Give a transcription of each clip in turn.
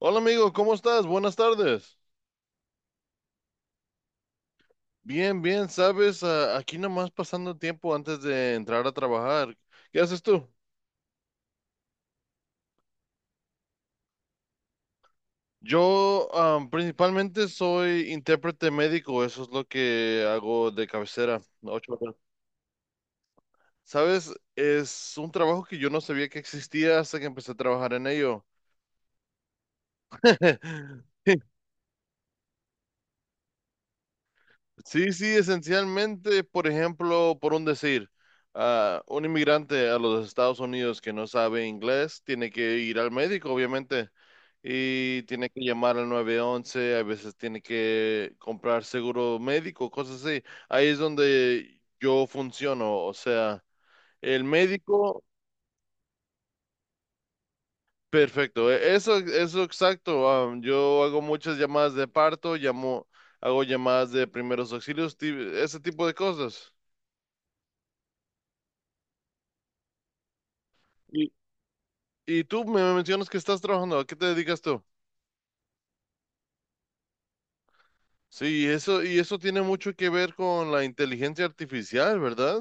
Hola amigo, ¿cómo estás? Buenas tardes. Bien, bien, sabes, aquí nomás pasando tiempo antes de entrar a trabajar. ¿Qué haces tú? Yo principalmente soy intérprete médico, eso es lo que hago de cabecera, 8 horas. Sabes, es un trabajo que yo no sabía que existía hasta que empecé a trabajar en ello. Sí, sí, esencialmente, por ejemplo, por un decir, un inmigrante a los Estados Unidos que no sabe inglés tiene que ir al médico, obviamente, y tiene que llamar al 911, a veces tiene que comprar seguro médico, cosas así. Ahí es donde yo funciono, o sea, el médico, perfecto, eso exacto. Yo hago muchas llamadas de parto, llamo, hago llamadas de primeros auxilios, ese tipo de cosas. Y tú me mencionas que estás trabajando, ¿a qué te dedicas tú? Sí, eso, y eso tiene mucho que ver con la inteligencia artificial, ¿verdad?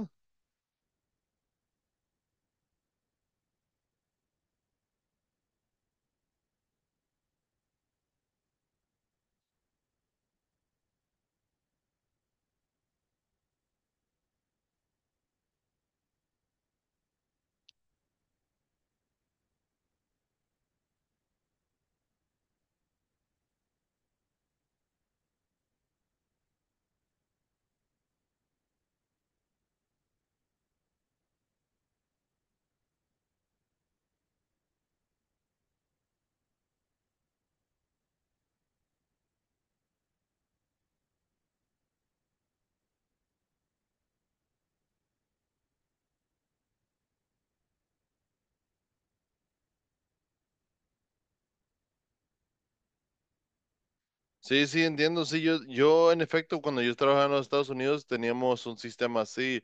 Sí, sí, entiendo. Sí, yo en efecto, cuando yo trabajaba en los Estados Unidos teníamos un sistema así.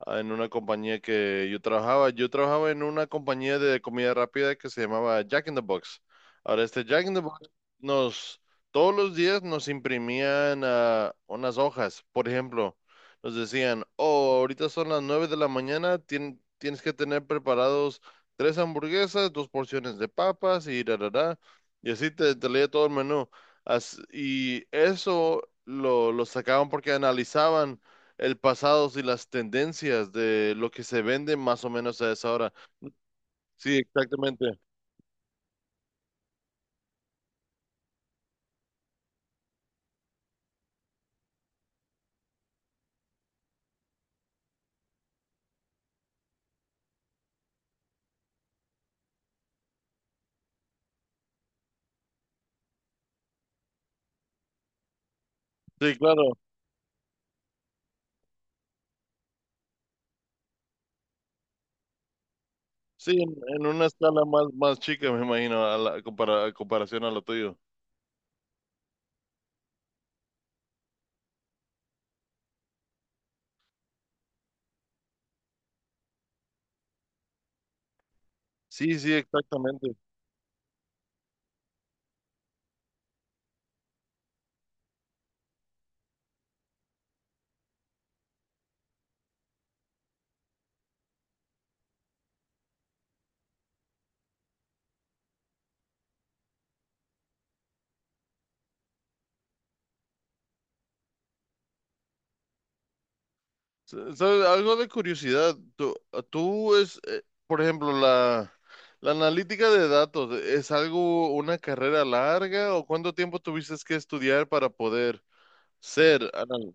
En una compañía que yo trabajaba. Yo trabajaba en una compañía de comida rápida que se llamaba Jack in the Box. Ahora, este Jack in the Box nos, todos los días nos imprimían unas hojas. Por ejemplo, nos decían, oh, ahorita son las 9 de la mañana, tienes que tener preparados tres hamburguesas, dos porciones de papas y da, da, da. Y así te leía todo el menú. Y eso lo sacaban porque analizaban el pasado y las tendencias de lo que se vende más o menos a esa hora. Sí, exactamente. Sí, claro. Sí, en una escala más, más chica, me imagino, a la a comparación a lo tuyo. Sí, sí, exactamente. ¿Sabes? Algo de curiosidad. Tú es, por ejemplo, la analítica de datos, ¿es algo, una carrera larga o cuánto tiempo tuviste que estudiar para poder ser anal?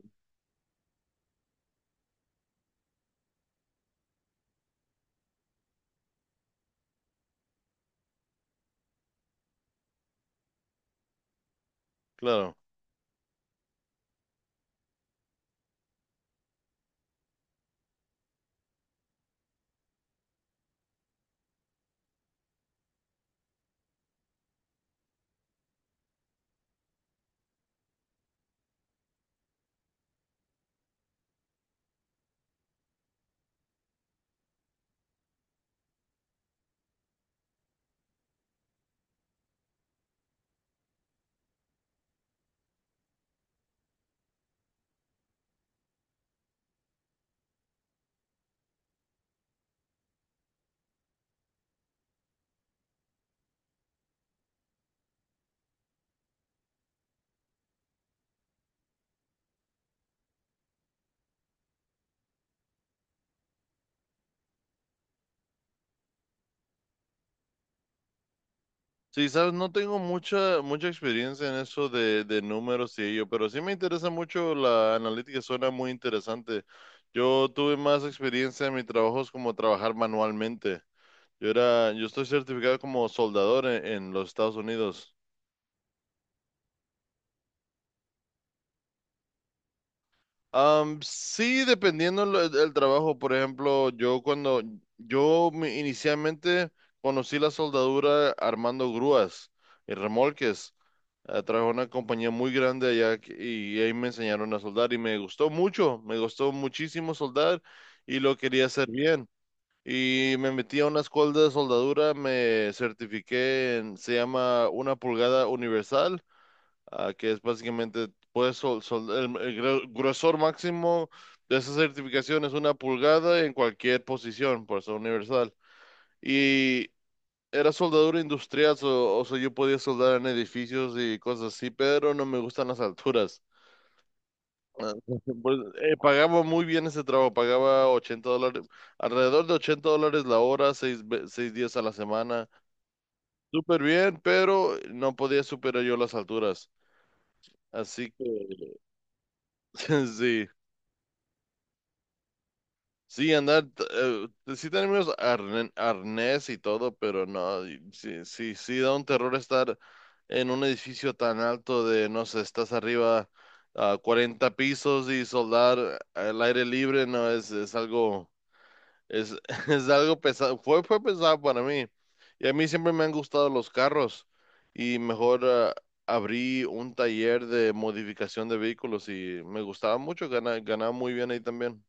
Claro. Sí, sabes, no tengo mucha, mucha experiencia en eso de números y ello, pero sí me interesa mucho la analítica, suena muy interesante. Yo tuve más experiencia en mi trabajo es como trabajar manualmente. Yo estoy certificado como soldador en los Estados Unidos. Sí, dependiendo del trabajo. Por ejemplo, yo cuando inicialmente conocí la soldadura armando grúas y remolques. Trabajé en una compañía muy grande allá y ahí me enseñaron a soldar y me gustó mucho, me gustó muchísimo soldar y lo quería hacer bien. Y me metí a una escuela de soldadura, me certifiqué en, se llama 1 pulgada universal que es básicamente, puedes el gruesor máximo de esa certificación es 1 pulgada en cualquier posición, por eso universal. Y era soldadura industrial, o sea, yo podía soldar en edificios y cosas así, pero no me gustan las alturas. Ah, Pues, pagaba muy bien ese trabajo, pagaba $80, alrededor de $80 la hora, 6 días a la semana. Súper bien, pero no podía superar yo las alturas. Así que, sí. Sí, andar, pues, sí tenemos arnés y todo, pero no, y sí, sí, sí da un terror estar en un edificio tan alto de, no sé, estás arriba a 40 pisos y soldar al aire libre, no, es algo, es, es algo pesado, fue pesado para mí. Y a mí siempre me han gustado los carros y mejor abrí un taller de modificación de vehículos y me gustaba mucho, ganaba muy bien ahí también.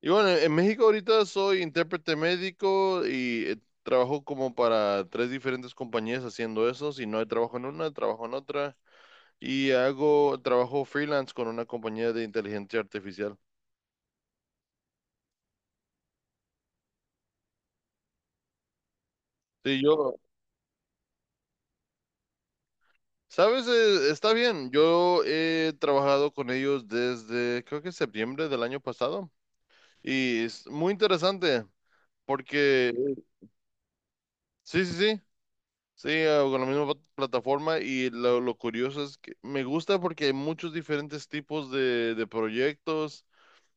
Y bueno, en México ahorita soy intérprete médico y trabajo como para tres diferentes compañías haciendo eso. Si no hay trabajo en una, trabajo en otra. Y hago trabajo freelance con una compañía de inteligencia artificial. Sí, yo, sabes, está bien. Yo he trabajado con ellos desde creo que septiembre del año pasado. Y es muy interesante porque, sí, sí, sí. Sí, con la misma plataforma y lo curioso es que me gusta porque hay muchos diferentes tipos de proyectos,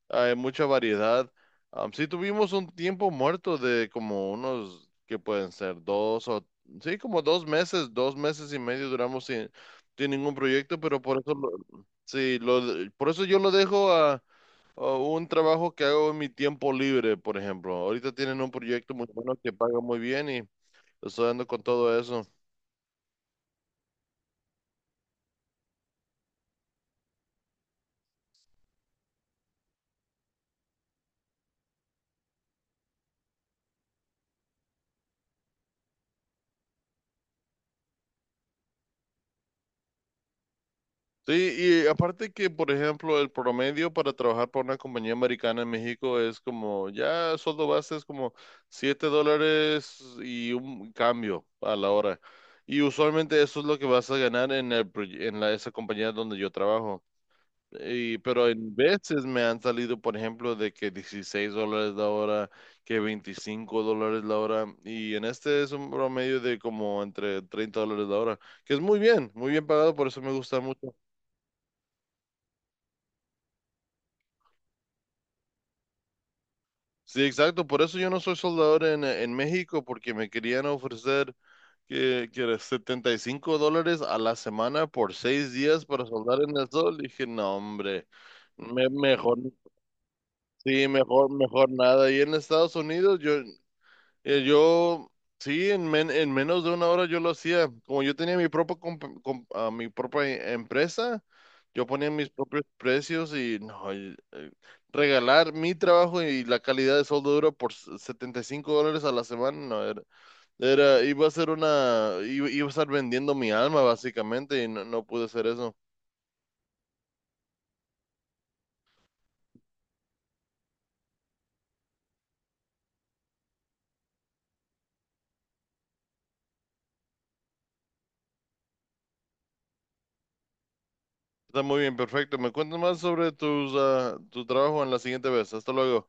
hay mucha variedad. Sí tuvimos un tiempo muerto de como unos, que pueden ser dos o, sí, como 2 meses, 2 meses y medio duramos sin ningún proyecto, pero por eso, sí, por eso yo lo dejo a un trabajo que hago en mi tiempo libre, por ejemplo. Ahorita tienen un proyecto muy bueno que paga muy bien y estoy dando con todo eso. Sí, y aparte que, por ejemplo, el promedio para trabajar para una compañía americana en México es como, ya sueldo base es como $7 y un cambio a la hora. Y usualmente eso es lo que vas a ganar en el, proye- en la, esa compañía donde yo trabajo. Y, pero en veces me han salido, por ejemplo, de que $16 la hora, que $25 la hora. Y en este es un promedio de como entre $30 la hora, que es muy bien pagado, por eso me gusta mucho. Sí, exacto. Por eso yo no soy soldador en México, porque me querían ofrecer que era $75 a la semana por 6 días para soldar en el sol. Dije, no, hombre, mejor, sí, mejor, mejor nada. Y en Estados Unidos, yo eh, yo, sí, en menos de 1 hora yo lo hacía. Como yo tenía mi propia, mi propia empresa, yo ponía mis propios precios y no, y, regalar mi trabajo y la calidad de soldo duro por $75 a la semana, no, era, iba a ser una, iba, iba a estar vendiendo mi alma básicamente y no, no pude hacer eso. Está muy bien, perfecto. Me cuentas más sobre tus, tu trabajo en la siguiente vez. Hasta luego.